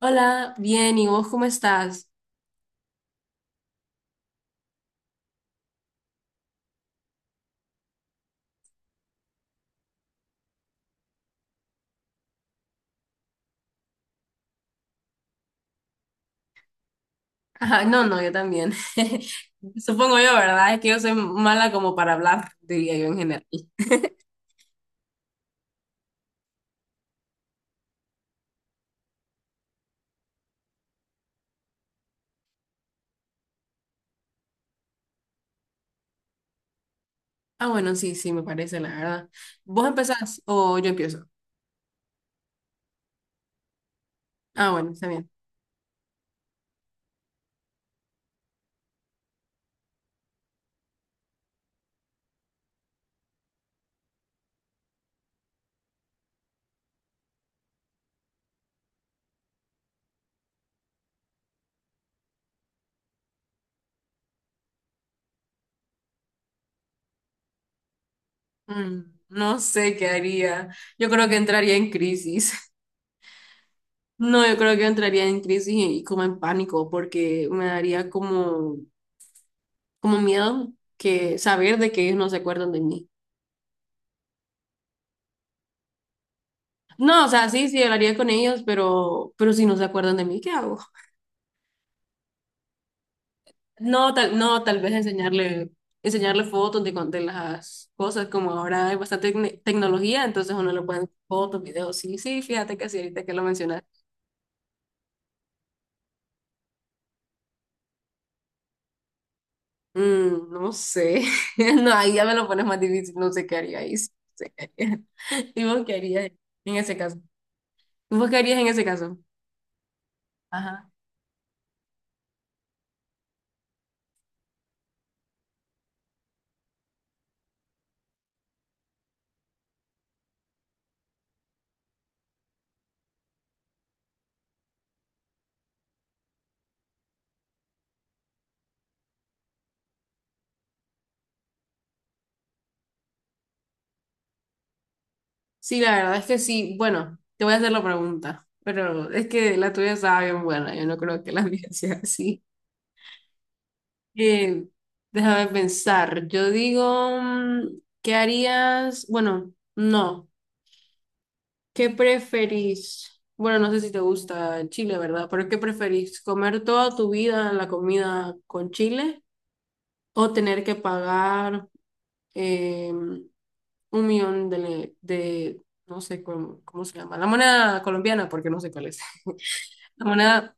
Hola, bien, ¿y vos cómo estás? Ajá, no, no, yo también. Supongo yo, ¿verdad? Es que yo soy mala como para hablar, diría yo en general. Ah, bueno, sí, sí, me parece, la verdad. ¿Vos empezás o yo empiezo? Ah, bueno, está bien. No sé qué haría. Yo creo que entraría en crisis. No, yo creo que entraría en crisis y como en pánico, porque me daría como miedo que saber de que ellos no se acuerdan de mí. No, o sea, sí, sí, hablaría con ellos, pero si no se acuerdan de mí, ¿qué hago? No, tal vez enseñarle enseñarle fotos de las cosas, como ahora hay bastante tecnología, entonces uno le puede enseñar fotos, videos, sí, sí, fíjate que sí, ahorita que lo mencionas. No sé, no, ahí ya me lo pones más difícil, no sé qué haría ahí, sí, no sé qué haría. ¿Y vos qué harías en ese caso? ¿Vos qué harías en ese caso? Sí, la verdad es que sí. Bueno, te voy a hacer la pregunta, pero es que la tuya estaba bien buena. Yo no creo que la mía sea así. Eh, Déjame pensar. Yo digo, ¿qué harías? Bueno, no. ¿Qué preferís? Bueno, no sé si te gusta Chile, ¿verdad? Pero ¿qué preferís? ¿Comer toda tu vida la comida con Chile o tener que pagar 1 millón de no sé cómo se llama, la moneda colombiana, porque no sé cuál es? Una...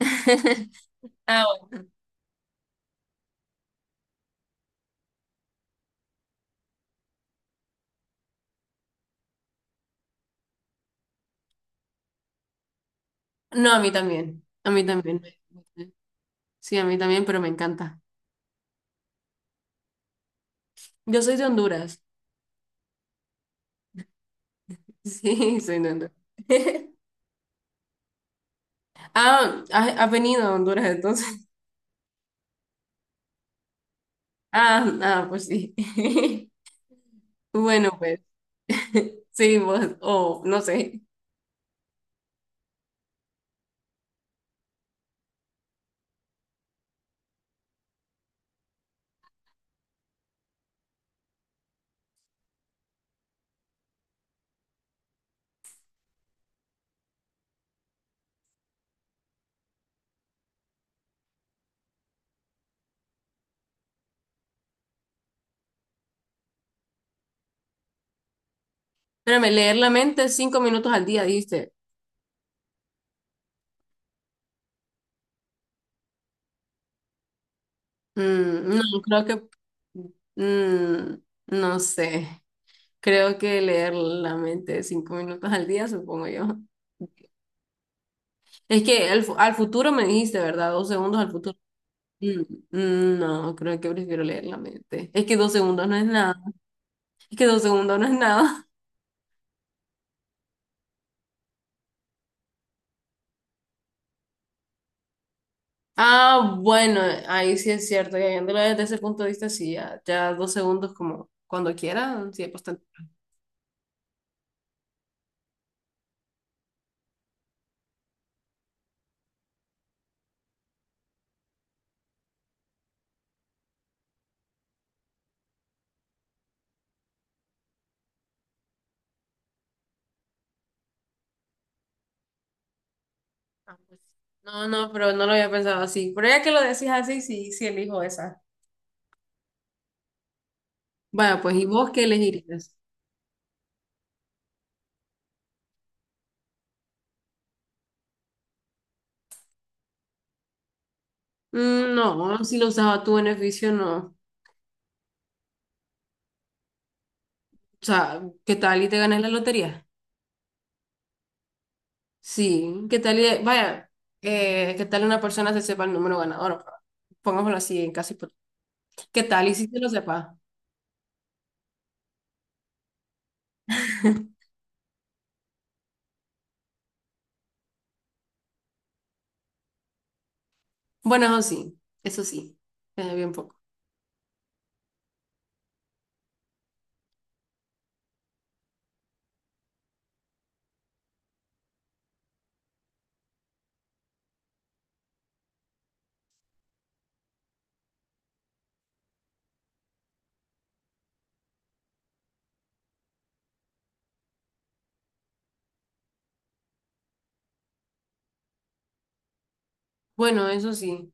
Ah, bueno. No, a mí también. A mí también. Sí, a mí también, pero me encanta. Yo soy de Honduras. Sí, soy de Honduras. Ah, has venido a Honduras entonces. Ah, ah, pues sí. Bueno, pues. Sí, vos, o no sé. Espérame, leer la mente 5 minutos al día, dijiste. No, creo que. mm, no sé. Creo que leer la mente cinco minutos al día, supongo yo. Es que al futuro me dijiste, ¿verdad? Dos segundos al futuro. Mm, no, creo que prefiero leer la mente. Es que 2 segundos no es nada. Es que dos segundos no es nada. Ah, bueno, ahí sí es cierto. Y viéndolo desde ese punto de vista, sí, ya, ya 2 segundos como cuando quiera, sí es bastante. Ah, pues. No, no, pero no lo había pensado así. Pero ya que lo decís así, sí, sí elijo esa. Vaya, pues, ¿y vos qué elegirías? No, si lo usas a tu beneficio, no. O sea, ¿qué tal y te ganas la lotería? Sí, ¿qué tal? Vaya, ¿qué tal una persona se sepa el número ganador? Pongámoslo así en caso hipotético. ¿Qué tal? Y si se lo sepa. Bueno, eso sí, bien poco. Bueno, eso sí.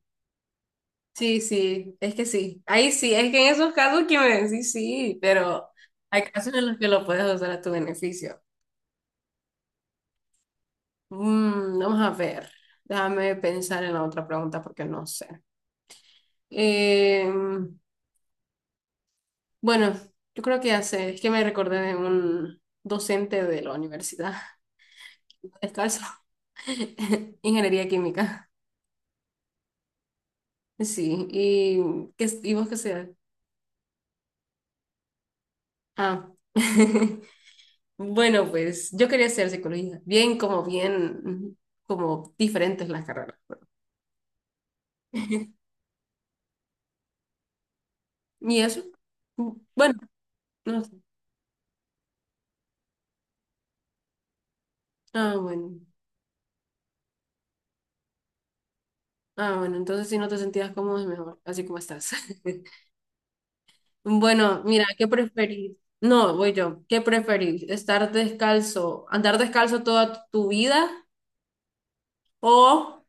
Sí, sí, es que sí. Ahí sí, es que en esos casos que me decís sí, pero hay casos en los que lo puedes usar a tu beneficio. Vamos a ver, déjame pensar en la otra pregunta porque no sé. Em, Bueno, yo creo que hace, es que me recordé de un docente de la universidad, descalzo, ingeniería química. Sí, y vos qué sea. Ah, bueno, pues yo quería hacer psicología, bien, como diferentes las carreras. ¿Y eso? Bueno, no sé. Ah, bueno. Ah, bueno, entonces si no te sentías cómodo es mejor, así como estás. Bueno, mira, ¿qué preferís? No, voy yo. ¿Qué preferís? ¿Estar descalzo, andar descalzo toda tu vida o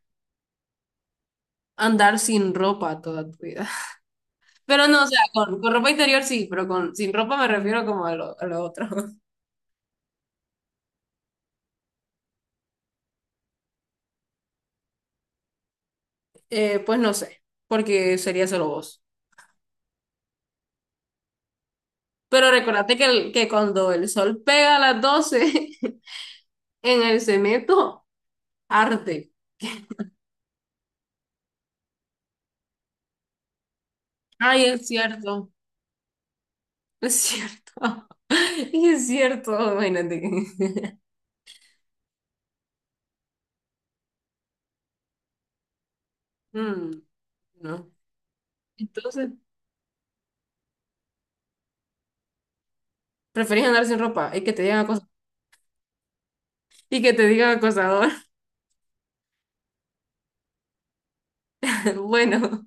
andar sin ropa toda tu vida? Pero no, o sea, con ropa interior sí, pero con sin ropa me refiero como a lo, otro. Pues no sé, porque sería solo vos. Pero recordate que cuando el sol pega a las 12 en el cemento, arde. Ay, es cierto, es cierto. Y es cierto, imagínate. Mm. No. Entonces, preferís andar sin ropa y que te digan acosador. Y que te digan acosador. Bueno,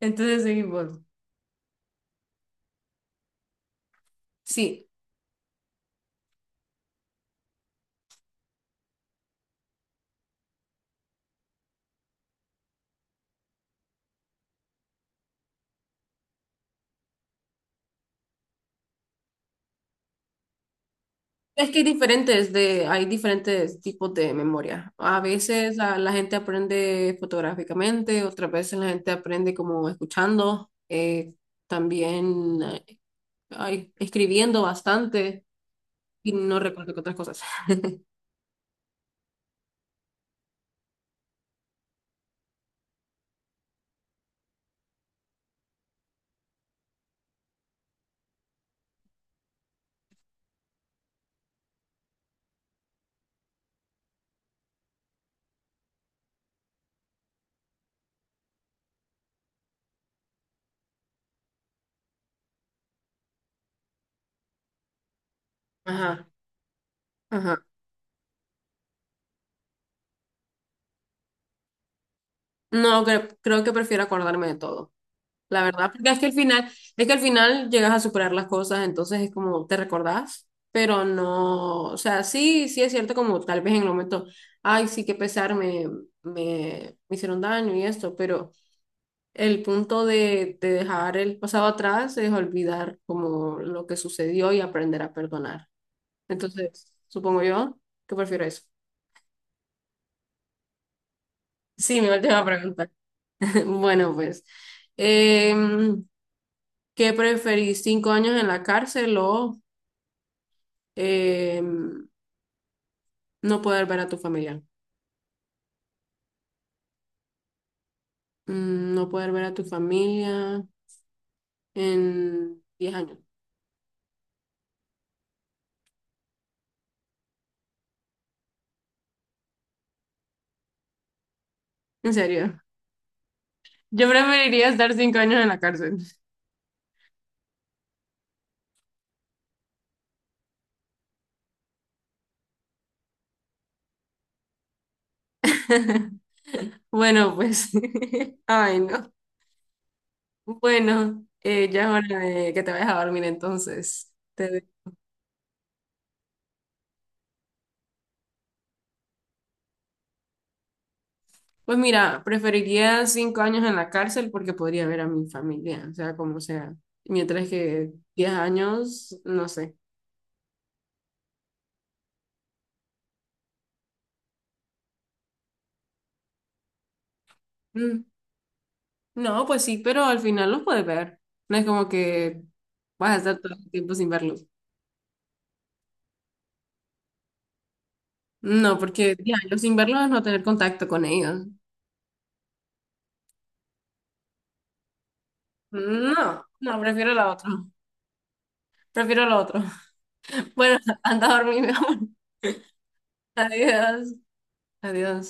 entonces seguimos. Sí, es que hay diferentes tipos de memoria. A veces la gente aprende fotográficamente, otras veces la gente aprende como escuchando, también ay, escribiendo bastante y no recuerdo que otras cosas. Ajá, ajá. No, creo que prefiero acordarme de todo, la verdad, porque es que al final, llegas a superar las cosas, entonces es como te recordás, pero no, o sea, sí, sí es cierto como tal vez en el momento, ay, sí, que pesar, me hicieron daño y esto, pero el punto de dejar el pasado atrás es olvidar como lo que sucedió y aprender a perdonar. Entonces, supongo yo que prefiero eso. Sí, mi última pregunta. Bueno, pues, em, ¿qué preferís, 5 años en la cárcel o eh, no poder ver a tu familia? No poder ver a tu familia en 10 años. ¿En serio? Yo preferiría estar 5 años en la cárcel. Bueno, pues. Ay, no. Bueno, ya es hora de que te vayas a dormir entonces. Pues mira, preferiría 5 años en la cárcel porque podría ver a mi familia, o sea, como sea. Mientras que 10 años, no sé. Mm. No, pues sí, pero al final los puedes ver. No es como que vas a estar todo el tiempo sin verlos. No, porque ya, yo sin verlos es no tener contacto con ellos. No, no, prefiero la otra. Prefiero la otra. Bueno, anda a dormir, mi amor. Adiós. Adiós.